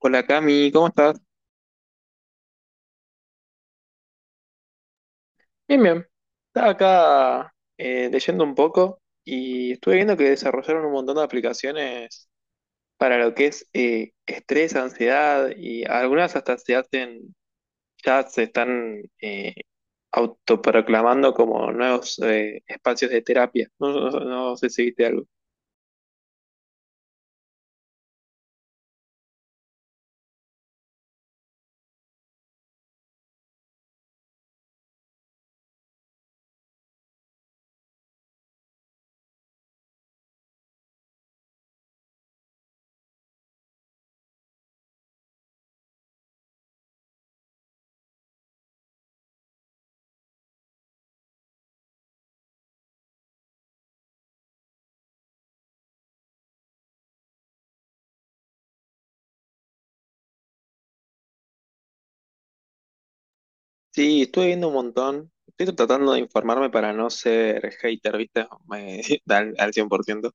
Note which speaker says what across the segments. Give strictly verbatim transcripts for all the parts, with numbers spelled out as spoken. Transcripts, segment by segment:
Speaker 1: Hola Cami, ¿cómo estás? Bien, bien. Estaba acá eh, leyendo un poco y estuve viendo que desarrollaron un montón de aplicaciones para lo que es eh, estrés, ansiedad y algunas hasta se hacen, ya se están eh, autoproclamando como nuevos eh, espacios de terapia. No, no- no sé si viste algo. Sí, estuve viendo un montón. Estoy tratando de informarme para no ser hater, ¿viste? Me- al, al cien por ciento.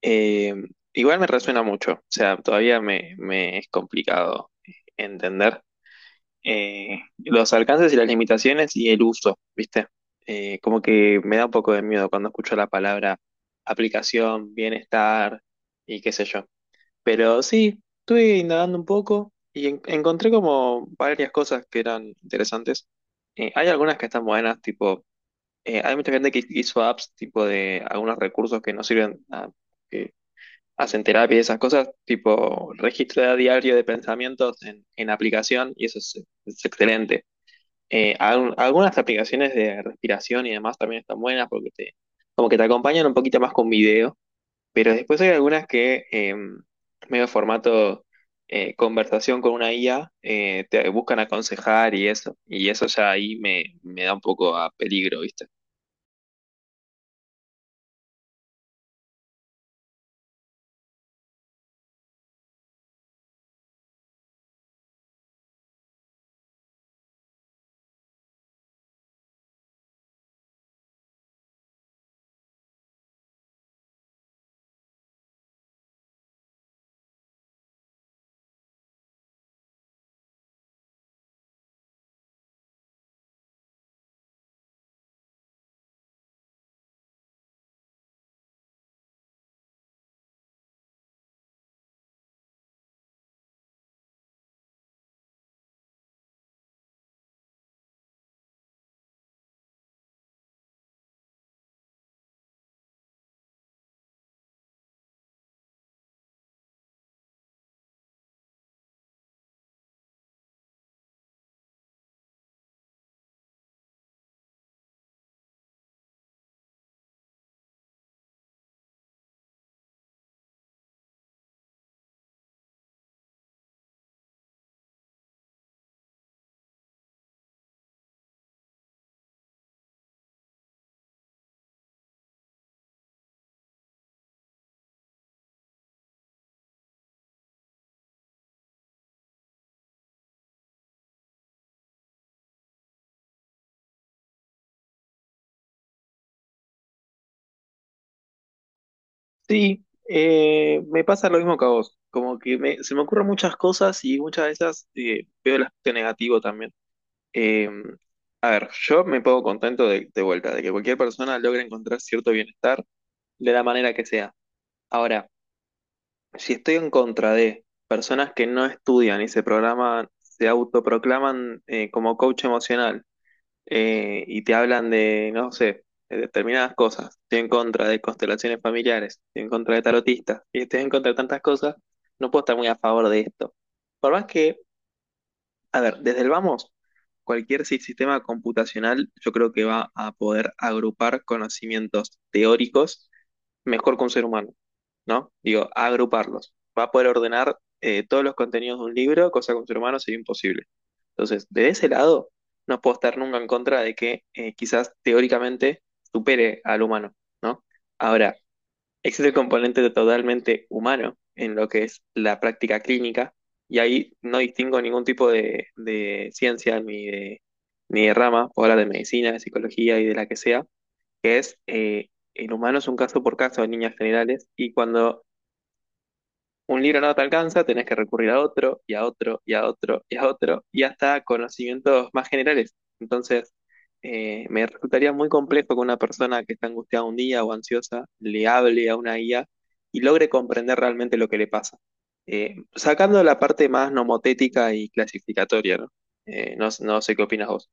Speaker 1: Eh, Igual me resuena mucho, o sea, todavía me, me es complicado entender eh, los alcances y las limitaciones y el uso, ¿viste? Eh, como que me da un poco de miedo cuando escucho la palabra aplicación, bienestar y qué sé yo. Pero sí, estuve indagando un poco y en- encontré como varias cosas que eran interesantes. Eh, hay algunas que están buenas, tipo, eh, hay mucha gente que hizo apps tipo de algunos recursos que no sirven, hacen terapia y esas cosas, tipo registro de diario de pensamientos en, en aplicación, y eso es, es excelente. Eh, al- algunas aplicaciones de respiración y demás también están buenas porque te, como que te acompañan un poquito más con video, pero después hay algunas que eh, medio formato eh, conversación con una I A, eh, te buscan aconsejar y eso, y eso ya ahí me, me da un poco a peligro, ¿viste? Sí, eh, me pasa lo mismo que a vos, como que me- se me ocurren muchas cosas y muchas de esas eh, veo el aspecto negativo también. Eh, a ver, yo me pongo contento de, de vuelta, de que cualquier persona logre encontrar cierto bienestar de la manera que sea. Ahora, si estoy en contra de personas que no estudian y se programan, se autoproclaman eh, como coach emocional, eh, y te hablan de, no sé, de determinadas cosas. Estoy en contra de constelaciones familiares, estoy en contra de tarotistas, y estoy en contra de tantas cosas, no puedo estar muy a favor de esto. Por más que, a ver, desde el vamos, cualquier si- sistema computacional yo creo que va a poder agrupar conocimientos teóricos mejor que un ser humano, ¿no? Digo, agruparlos. Va a poder ordenar eh, todos los contenidos de un libro, cosa que un ser humano sería imposible. Entonces, de ese lado, no puedo estar nunca en contra de que eh, quizás teóricamente supere al humano, ¿no? Ahora, existe el componente totalmente humano en lo que es la práctica clínica, y ahí no distingo ningún tipo de, de ciencia ni de, ni de rama, o hablar de medicina, de psicología y de la que sea, que es eh, el humano es un caso por caso en líneas generales, y cuando un libro no te alcanza, tenés que recurrir a otro, y a otro, y a otro, y a otro, y hasta conocimientos más generales. Entonces, eh, me resultaría muy complejo que una persona que está angustiada un día o ansiosa le hable a una guía y logre comprender realmente lo que le pasa. Eh, sacando la parte más nomotética y clasificatoria, ¿no? Eh, no, no sé qué opinas vos.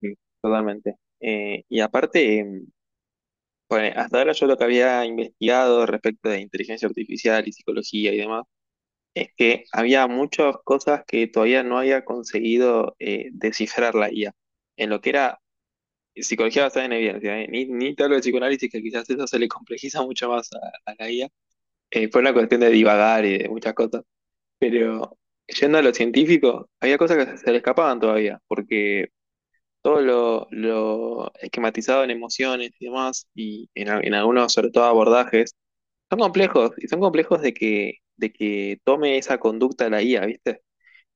Speaker 1: Sí, totalmente. Eh, y aparte, em, bueno, hasta ahora yo lo que había investigado respecto de inteligencia artificial y psicología y demás, es que había muchas cosas que todavía no había conseguido eh, descifrar la I A. En lo que era psicología basada en evidencia, eh, Ni, ni te hablo de psicoanálisis, que quizás eso se le complejiza mucho más a, a la I A. Eh, fue una cuestión de divagar y de muchas cosas. Pero yendo a lo científico, había cosas que se le escapaban todavía, porque todo lo, lo esquematizado en emociones y demás, y en, a- en algunos, sobre todo, abordajes, son complejos, y son complejos de que, de que tome esa conducta la I A, ¿viste?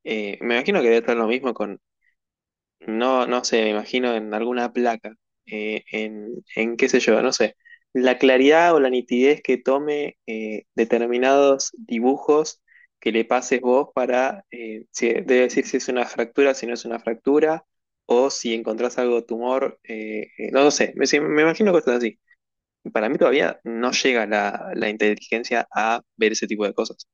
Speaker 1: Eh, me imagino que debe estar lo mismo con, no, no sé, me imagino en alguna placa, eh, en, en qué sé yo, no sé, la claridad o la nitidez que tome eh, determinados dibujos que le pases vos para, eh, si- debe decir si es una fractura, si no es una fractura, o si encontrás algo de tumor, eh, eh, no lo sé, me, sí, me imagino cosas así. Para mí todavía no llega la, la inteligencia a ver ese tipo de cosas.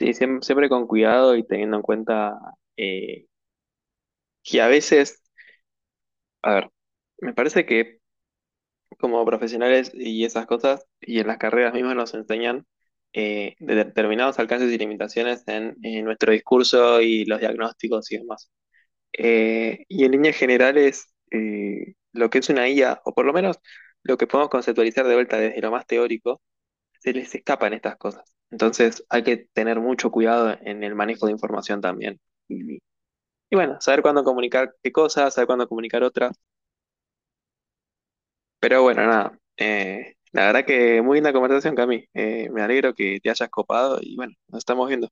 Speaker 1: Sí, siem- siempre con cuidado y teniendo en cuenta que a veces, a ver, me parece que como profesionales y esas cosas, y en las carreras mismas nos enseñan eh, de- determinados alcances y limitaciones en, en nuestro discurso y los diagnósticos y demás. Eh, y en líneas generales, eh, lo que es una I A, o por lo menos lo que podemos conceptualizar de vuelta desde lo más teórico, se les escapan estas cosas. Entonces hay que tener mucho cuidado en el manejo de información también. Y, y bueno, saber cuándo comunicar qué cosas, saber cuándo comunicar otras. Pero bueno, nada. Eh, la verdad que muy linda conversación, Cami. Eh, me alegro que te hayas copado y bueno, nos estamos viendo.